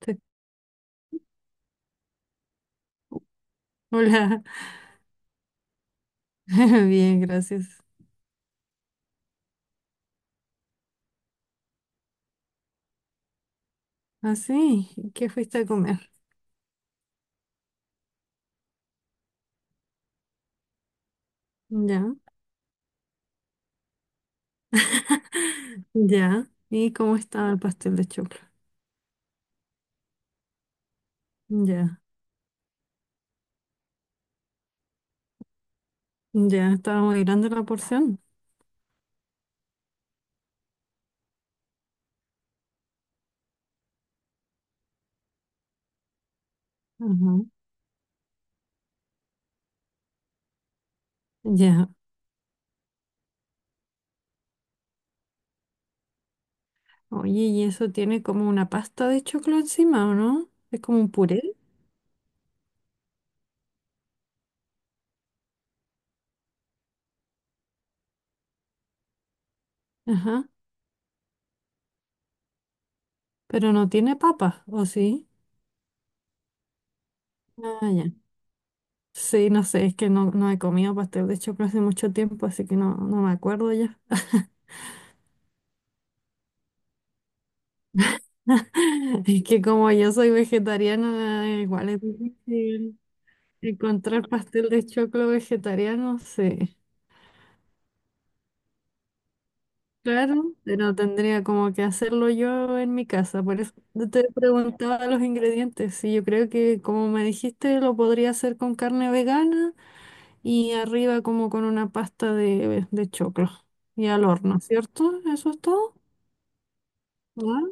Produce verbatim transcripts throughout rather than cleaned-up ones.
Te- Hola, bien, gracias. Ah, sí, ¿qué fuiste a comer? Ya, ya. ¿Y cómo estaba el pastel de choclo? Ya, ya, estaba muy grande la porción. Ajá, ya. Oye, y eso tiene como una pasta de choclo encima, ¿o no? Es como un puré. Ajá, pero no tiene papa, ¿o sí? Ah, ya. Sí, no sé, es que no, no he comido pastel de choclo hace mucho tiempo, así que no, no me acuerdo ya. Es que como yo soy vegetariana, igual es difícil encontrar pastel de choclo vegetariano, sí. Claro, pero tendría como que hacerlo yo en mi casa. Por eso te preguntaba los ingredientes. Y yo creo que, como me dijiste, lo podría hacer con carne vegana y arriba como con una pasta de, de choclo y al horno, ¿cierto? ¿Eso es todo? ¿Verdad?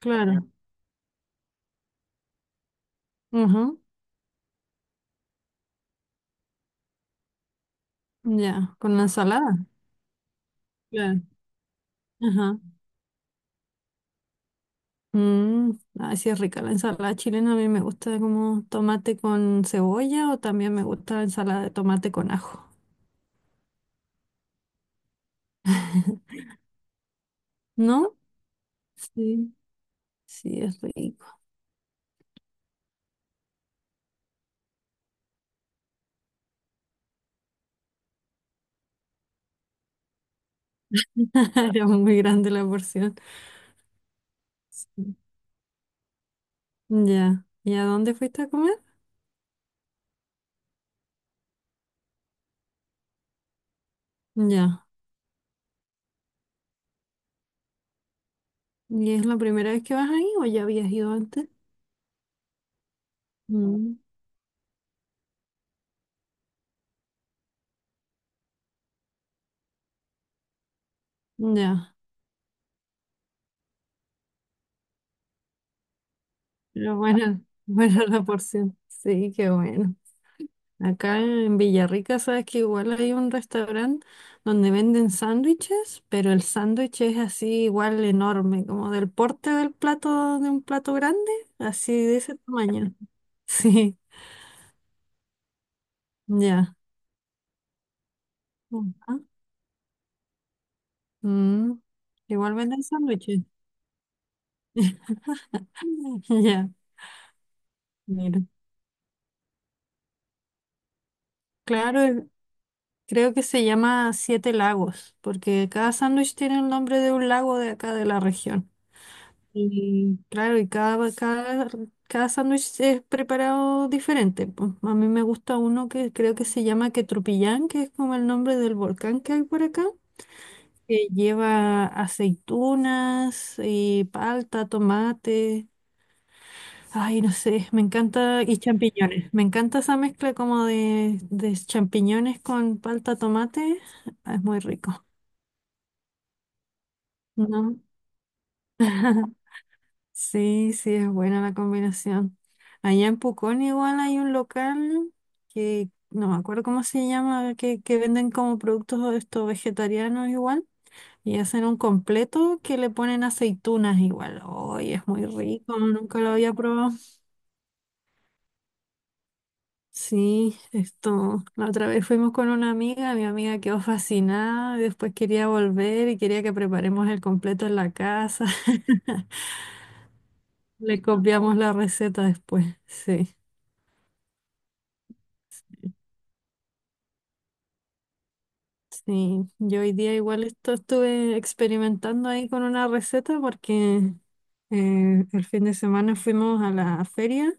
Claro. Ujú. Ya, con la ensalada. Claro. Ajá. Mm, ah, sí es rica la ensalada chilena. A mí me gusta como tomate con cebolla o también me gusta la ensalada de tomate con ajo. ¿No? Sí, sí es rico. Era muy grande la porción. Sí. Ya. ¿Y a dónde fuiste a comer? Ya. ¿Y es la primera vez que vas ahí o ya habías ido antes? Mm, ya. Pero bueno, buena la porción. Sí, qué bueno. Acá en Villarrica, sabes que igual hay un restaurante donde venden sándwiches, pero el sándwich es así igual enorme, como del porte del plato, de un plato grande, así de ese tamaño. Sí, ya. Ajá. Mm, igual venden sándwiches. Ya, mira. Claro, el- creo que se llama Siete Lagos, porque cada sándwich tiene el nombre de un lago de acá de la región. Y claro, y cada, cada, cada sándwich es preparado diferente. Po. A mí me gusta uno que creo que se llama Quetrupillán, que es como el nombre del volcán que hay por acá, que lleva aceitunas y palta, tomate, ay, no sé, me encanta, y champiñones. Me encanta esa mezcla como de, de champiñones con palta, tomate. Ah, es muy rico, ¿no? Sí, sí, es buena la combinación. Allá en Pucón igual hay un local que no me acuerdo cómo se llama, que, que venden como productos estos vegetarianos igual y hacen un completo que le ponen aceitunas igual. Hoy es muy rico, nunca lo había probado. Sí, esto, la otra vez fuimos con una amiga, mi amiga quedó fascinada y después quería volver y quería que preparemos el completo en la casa. Le copiamos la receta después, sí. Sí, yo hoy día igual esto estuve experimentando ahí con una receta porque eh, el fin de semana fuimos a la feria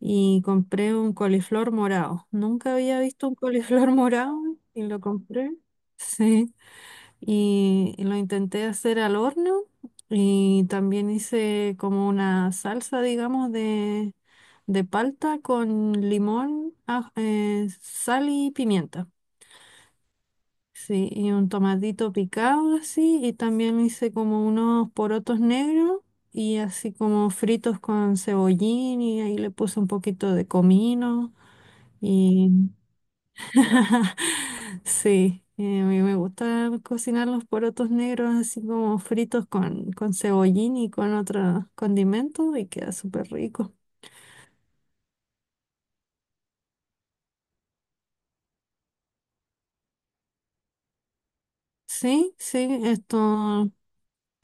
y compré un coliflor morado. Nunca había visto un coliflor morado y lo compré. Sí, y lo intenté hacer al horno y también hice como una salsa, digamos, de, de palta con limón, aj- eh, sal y pimienta. Sí, y un tomatito picado así, y también hice como unos porotos negros y así como fritos con cebollín y ahí le puse un poquito de comino y sí, eh, a mí me gusta cocinar los porotos negros así como fritos con, con cebollín y con otros condimentos y queda súper rico. Sí, sí, esto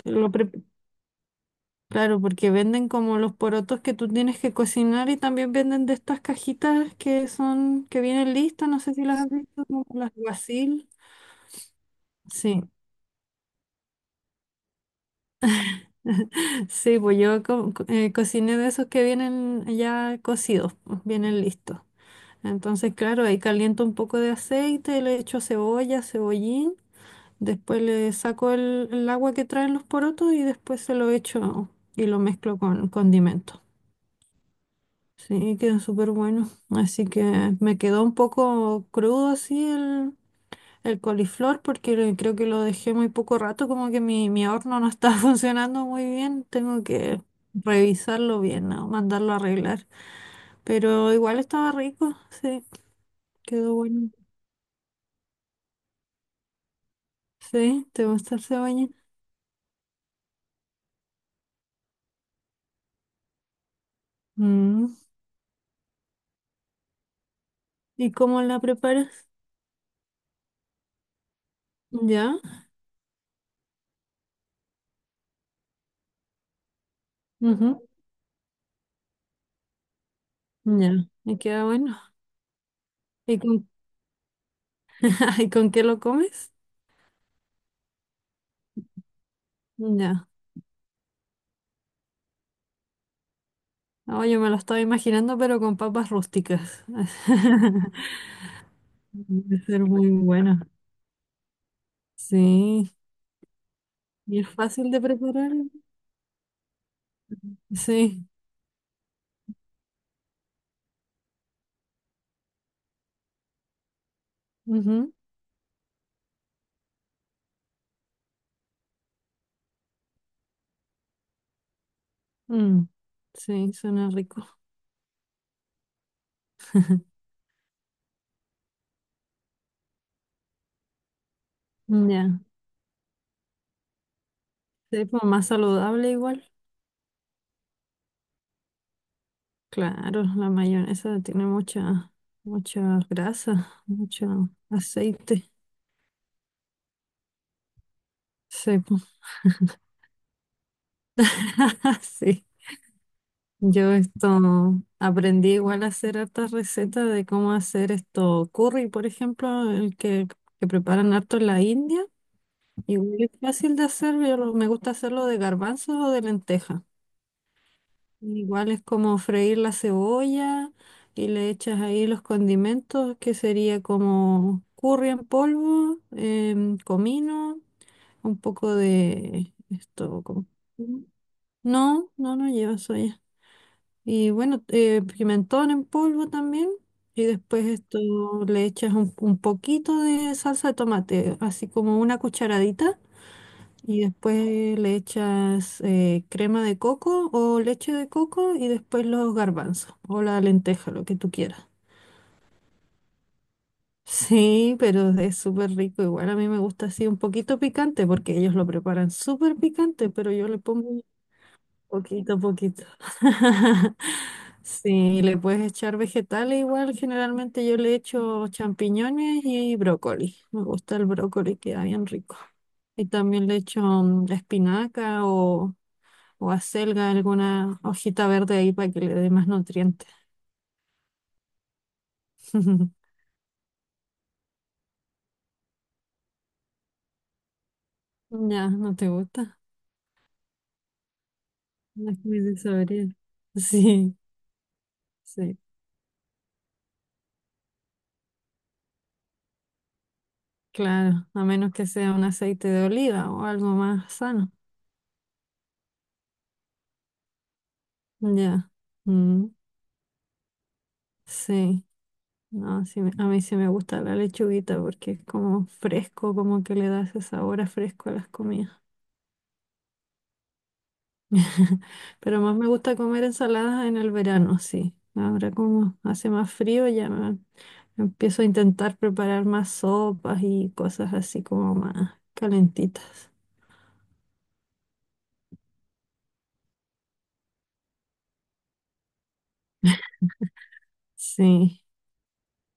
lo preparé. Claro, porque venden como los porotos que tú tienes que cocinar y también venden de estas cajitas que son, que vienen listas, no sé si las has visto, como las guasil. Sí, sí, pues yo co- co- eh, cociné de esos que vienen ya cocidos, pues, vienen listos. Entonces, claro, ahí caliento un poco de aceite, le echo cebolla, cebollín, después le saco el, el agua que traen los porotos y después se lo echo y lo mezclo con condimentos. Sí, quedó súper bueno. Así que me quedó un poco crudo así el, el coliflor porque lo- creo que lo dejé muy poco rato, como que mi, mi horno no está funcionando muy bien. Tengo que revisarlo bien, ¿no? Mandarlo a arreglar. Pero igual estaba rico, sí, quedó bueno. Sí, ¿te gusta el cebolla? Mm. ¿Y cómo la preparas? ¿Ya? Ujú, ya, me queda bueno. ¿Y con, ¿y con qué lo comes? Ya. No, yo me lo estaba imaginando, pero con papas rústicas. Debe ser muy bueno. Sí. ¿Y es fácil de preparar? Sí. Ujú, mm, sí, suena rico. Ya. Sí, pues más saludable igual. Claro, la mayonesa tiene mucha, mucha grasa, mucho aceite. Sí, pues. Sí. Yo esto aprendí igual a hacer hartas recetas de cómo hacer esto curry, por ejemplo, el que, que preparan harto en la India. Igual es fácil de hacer, yo lo- me gusta hacerlo de garbanzos o de lenteja. Igual es como freír la cebolla y le echas ahí los condimentos, que sería como curry en polvo, em, comino, un poco de esto, como... No, no, no lleva soya. Y bueno, eh, pimentón en polvo también. Y después esto le echas un, un poquito de salsa de tomate, así como una cucharadita. Y después le echas eh, crema de coco o leche de coco y después los garbanzos o la lenteja, lo que tú quieras. Sí, pero es súper rico. Igual a mí me gusta así un poquito picante porque ellos lo preparan súper picante, pero yo le pongo poquito a poquito. Sí, le puedes echar vegetales igual. Generalmente yo le echo champiñones y brócoli. Me gusta el brócoli, queda bien rico. Y también le echo mm, espinaca o, o acelga, alguna hojita verde ahí para que le dé más nutrientes. Ya, ¿no te gusta? No es muy de saborear. Sí, sí, claro. A menos que sea un aceite de oliva o algo más sano. Ya. Mm, sí. No, sí me- a mí sí me gusta la lechuguita porque es como fresco, como que le da ese sabor a fresco a las comidas. Pero más me gusta comer ensaladas en el verano, sí. Ahora como hace más frío ya me- empiezo a intentar preparar más sopas y cosas así como más calentitas. Sí,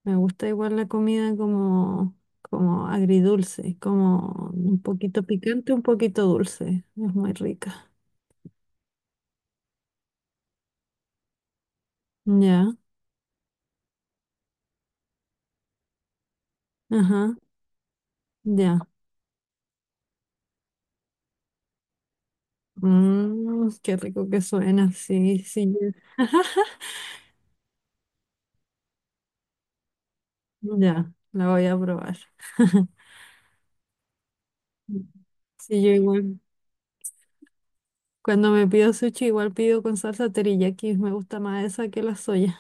me gusta igual la comida como, como agridulce, como un poquito picante, un poquito dulce. Es muy rica. Ya, ajá, ya. Mm, qué rico que suena, sí, sí. yo- Ya, la voy a probar. Sí, yo igual. Cuando me pido sushi, igual pido con salsa teriyaki. Me gusta más esa que la soya.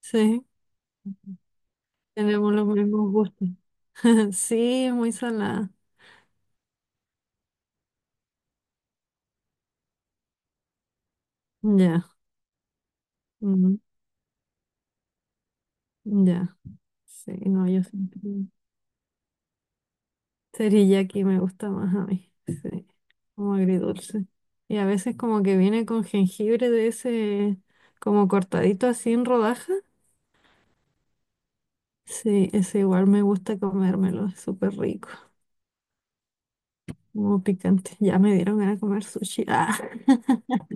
Sí, tenemos los mismos gustos. Sí, muy salada. Ya, mm, ya. Sí, no, yo sí. Teriyaki me gusta más a mí, sí, como agridulce. Y a veces como que viene con jengibre de ese, como cortadito así en rodaja. Sí, ese igual me gusta comérmelo, es súper rico, como picante. Ya me dieron ganas de comer sushi. Ah.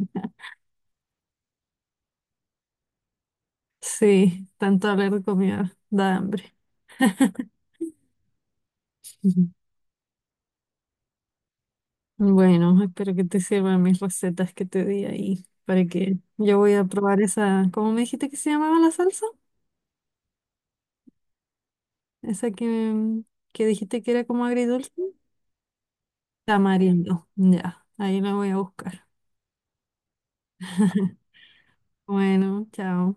Sí, tanto hablar de comida da hambre. Ujú. Bueno, espero que te sirvan mis recetas que te di ahí, para que yo voy a probar esa, ¿cómo me dijiste que se llamaba la salsa? Esa que, que dijiste que era como agridulce. Tamarindo. Ya, ahí la voy a buscar. Bueno, chao.